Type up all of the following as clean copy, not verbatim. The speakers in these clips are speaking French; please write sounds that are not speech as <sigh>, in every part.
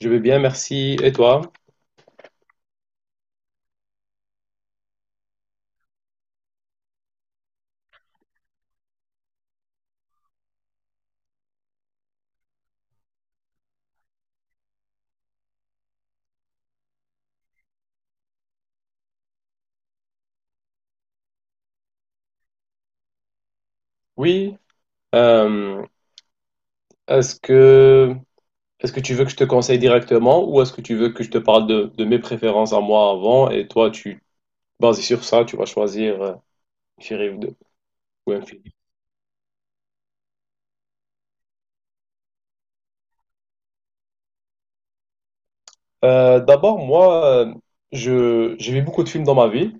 Je vais bien, merci. Et toi? Oui. euh, est-ce que est-ce que tu veux que je te conseille directement ou est-ce que tu veux que je te parle de mes préférences à moi avant et toi, tu basé sur ça, tu vas choisir une série ou deux ou un film. D'abord, moi, je j'ai vu beaucoup de films dans ma vie.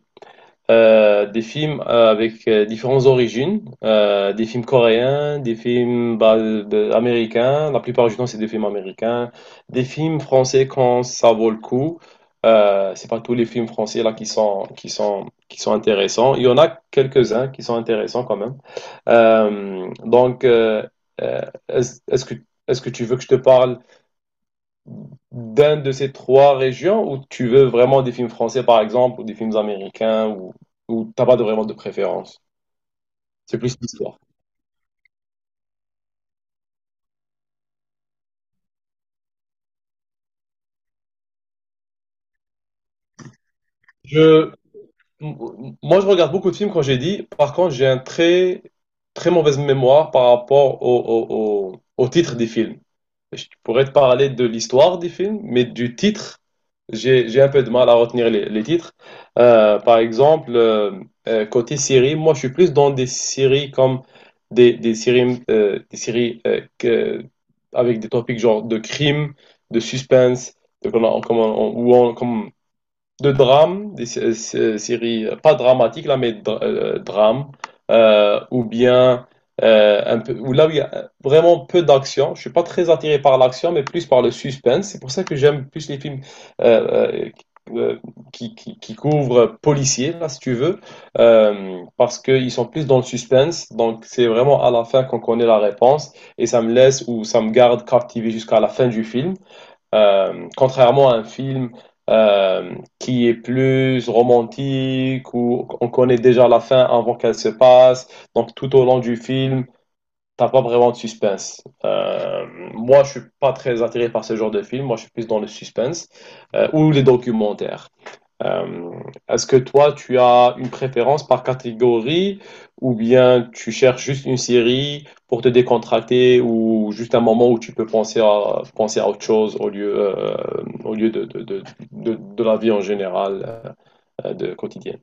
Des films avec différentes origines, des films coréens, des films américains, la plupart du temps c'est des films américains, des films français quand ça vaut le coup. C'est pas tous les films français là qui sont intéressants. Il y en a quelques-uns qui sont intéressants quand même. Donc euh, est-ce est-ce que est-ce que tu veux que je te parle d'un de ces trois régions ou tu veux vraiment des films français par exemple ou des films américains ou t'as pas vraiment de préférence? C'est plus l'histoire. Je, Moi, je regarde beaucoup de films quand j'ai dit. Par contre, j'ai un très mauvaise mémoire par rapport au titre des films. Je pourrais te parler de l'histoire des films, mais du titre, j'ai un peu de mal à retenir les titres. Par exemple, côté série, moi je suis plus dans des séries comme des séries avec des topics genre de crime, de suspense, de, comment- comment on- où on, comme de drames, des séries pas dramatiques là, mais drames, ou bien un peu, ou là où il y a vraiment peu d'action. Je suis pas très attiré par l'action, mais plus par le suspense. C'est pour ça que j'aime plus les films euh, euh, euh, qui couvrent policiers, là, si tu veux, parce qu'ils sont plus dans le suspense. Donc c'est vraiment à la fin qu'on connaît la réponse, et ça me laisse ou ça me garde captivé jusqu'à la fin du film. Contrairement à un film qui est plus romantique, où on connaît déjà la fin avant qu'elle se passe, donc tout au long du film, t'as pas vraiment de suspense. Moi, je suis pas très attiré par ce genre de film. Moi, je suis plus dans le suspense ou les documentaires. Euh, Est-ce que toi, tu as une préférence par catégorie ou bien tu cherches juste une série pour te décontracter ou juste un moment où tu peux penser à, penser à autre chose au lieu de la vie en général, de quotidienne?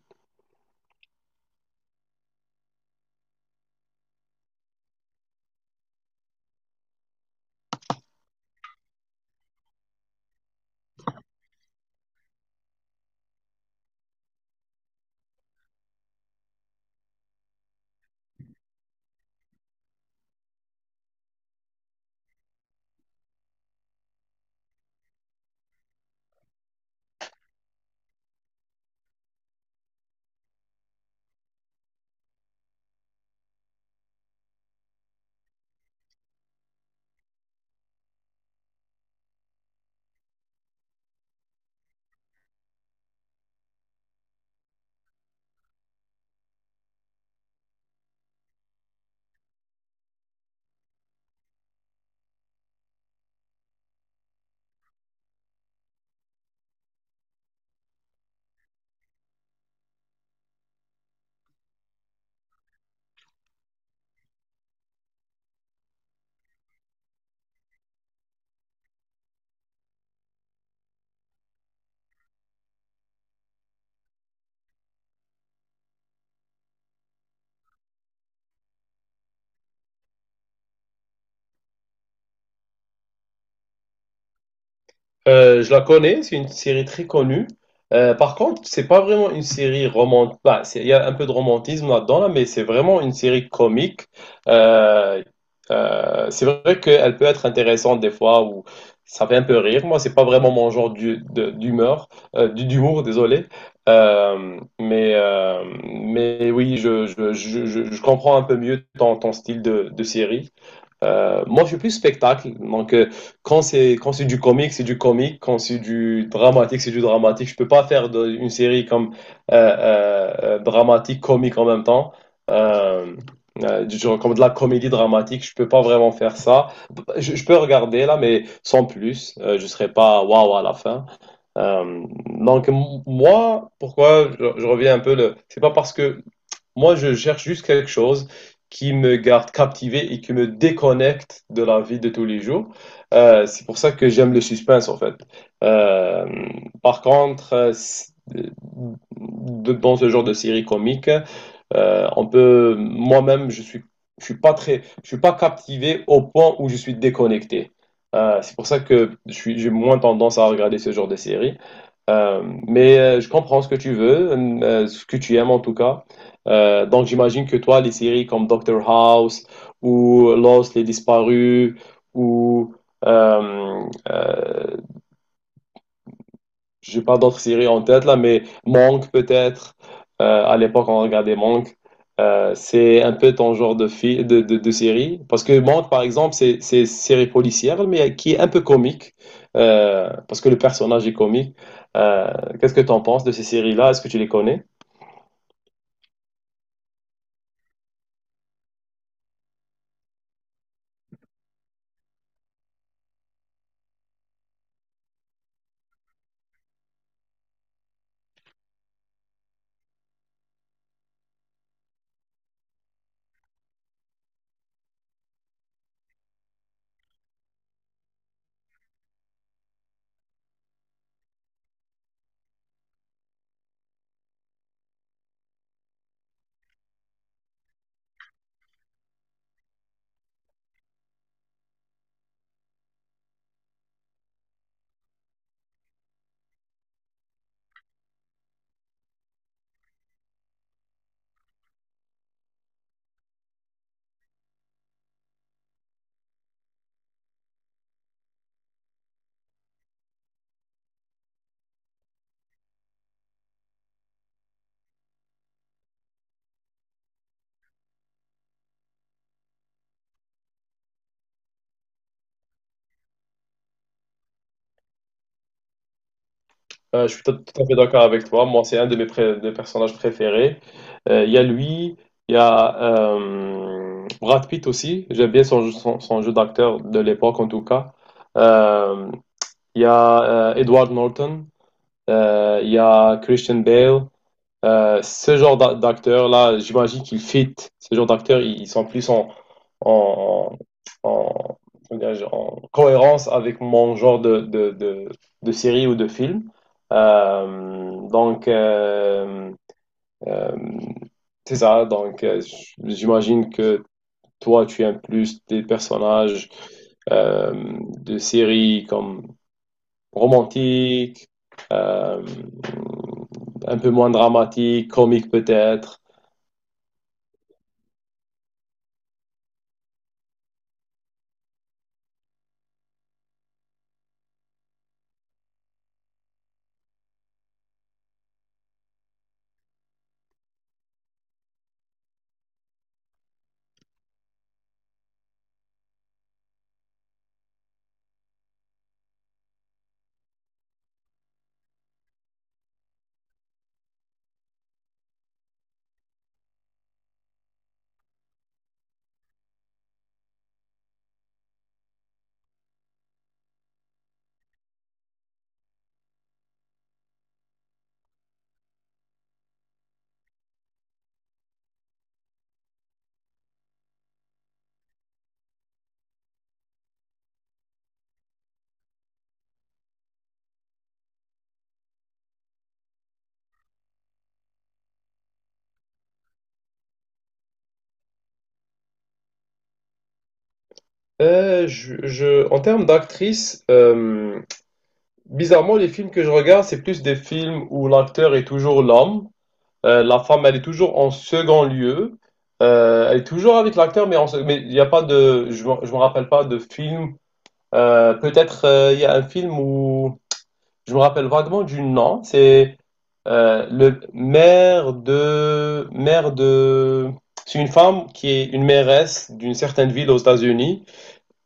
Je la connais, c'est une série très connue. Par contre, c'est pas vraiment une série romantique. Il y a un peu de romantisme là-dedans, là, mais c'est vraiment une série comique. Euh, c'est vrai qu'elle peut être intéressante des fois où ça fait un peu rire. Moi, c'est pas vraiment mon genre d'humeur, d'humour, désolé. Mais mais oui, je comprends un peu mieux ton, ton style de série. Moi, je suis plus spectacle. Donc, quand c'est du comique, c'est du comique. Quand c'est du dramatique, c'est du dramatique. Je peux pas faire de- une série comme dramatique comique en même temps. Euh, du genre comme de la comédie dramatique, je peux pas vraiment faire ça. Je peux regarder là, mais sans plus. Je serai pas waouh à la fin. Donc moi, pourquoi je reviens un peu le. C'est pas parce que moi, je cherche juste quelque chose qui me garde captivé et qui me déconnecte de la vie de tous les jours. C'est pour ça que j'aime le suspense, en fait. Euh, par contre, dans ce genre de série comique, on peut, moi-même, je suis pas très, je suis pas captivé au point où je suis déconnecté. C'est pour ça que j'ai moins tendance à regarder ce genre de série. Mais je comprends ce que tu veux, ce que tu aimes en tout cas. Donc j'imagine que toi, les séries comme Doctor House ou Lost, Les Disparus ou euh, euh, j'ai pas d'autres séries en tête là, mais Monk peut-être. À l'époque, on regardait Monk. C'est un peu ton genre de de série. Parce que Monk, par exemple, c'est une série policière, mais qui est un peu comique, parce que le personnage est comique. Euh, Qu'est-ce que tu en penses de ces séries-là? Est-ce que tu les connais? Je suis tout à fait d'accord avec toi. Moi, c'est un de mes, pré- de personnages préférés. Il y a lui, il y a Brad Pitt aussi. J'aime bien son jeu d'acteur de l'époque, en tout cas. Euh, Il y a Edward Norton. Il y a Christian Bale. Ce genre d'acteur-là, j'imagine qu'ils fit. Ce genre d'acteurs, ils sont plus en, en comment dirais-je, en cohérence avec mon genre de série ou de film. Donc, euh, c'est ça. Donc, j'imagine que toi, tu aimes plus des personnages euh, de séries comme romantique, euh, un peu moins dramatique, comique peut-être. Je- en termes d'actrice, bizarrement, les films que je regarde, c'est plus des films où l'acteur est toujours l'homme. La femme, elle est toujours en second lieu. Elle est toujours avec l'acteur, mais en se- mais il n'y a pas de, je me rappelle pas de film. Peut-être il y a un film où je me rappelle vaguement du nom. C'est le maire de, c'est une femme qui est une mairesse d'une certaine ville aux États-Unis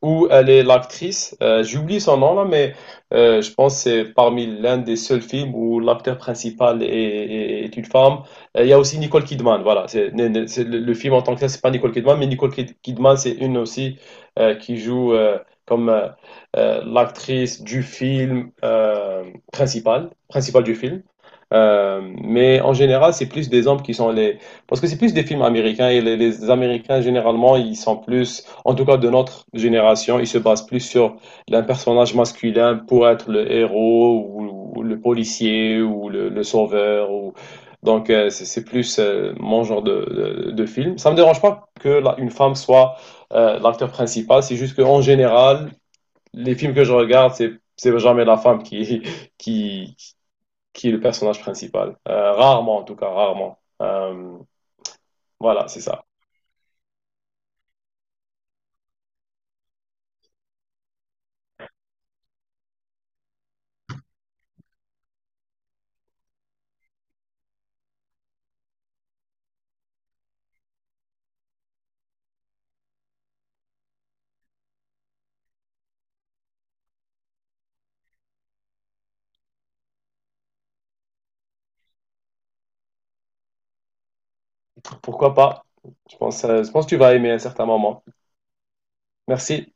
où elle est l'actrice. J'oublie son nom là, mais je pense que c'est parmi l'un des seuls films où l'acteur principal est une femme. Il y a aussi Nicole Kidman, voilà. C'est, ne- ne- C'est le film en tant que tel, c'est pas Nicole Kidman, mais Kidman, c'est une aussi qui joue comme l'actrice du film principal du film. Mais en général, c'est plus des hommes qui sont les... Parce que c'est plus des films américains et les Américains, généralement, ils sont plus... En tout cas, de notre génération, il se base plus sur un personnage masculin pour être le héros ou le policier ou le sauveur. Ou... Donc, c'est plus mon genre de film. Ça me dérange pas que la- une femme soit l'acteur principal. C'est juste qu'en général, les films que je regarde, c'est jamais la femme qui <laughs> qui, qui est le personnage principal. Rarement, en tout cas, rarement. Voilà, c'est ça. Pourquoi pas? Je pense que tu vas aimer à certains moments. Merci.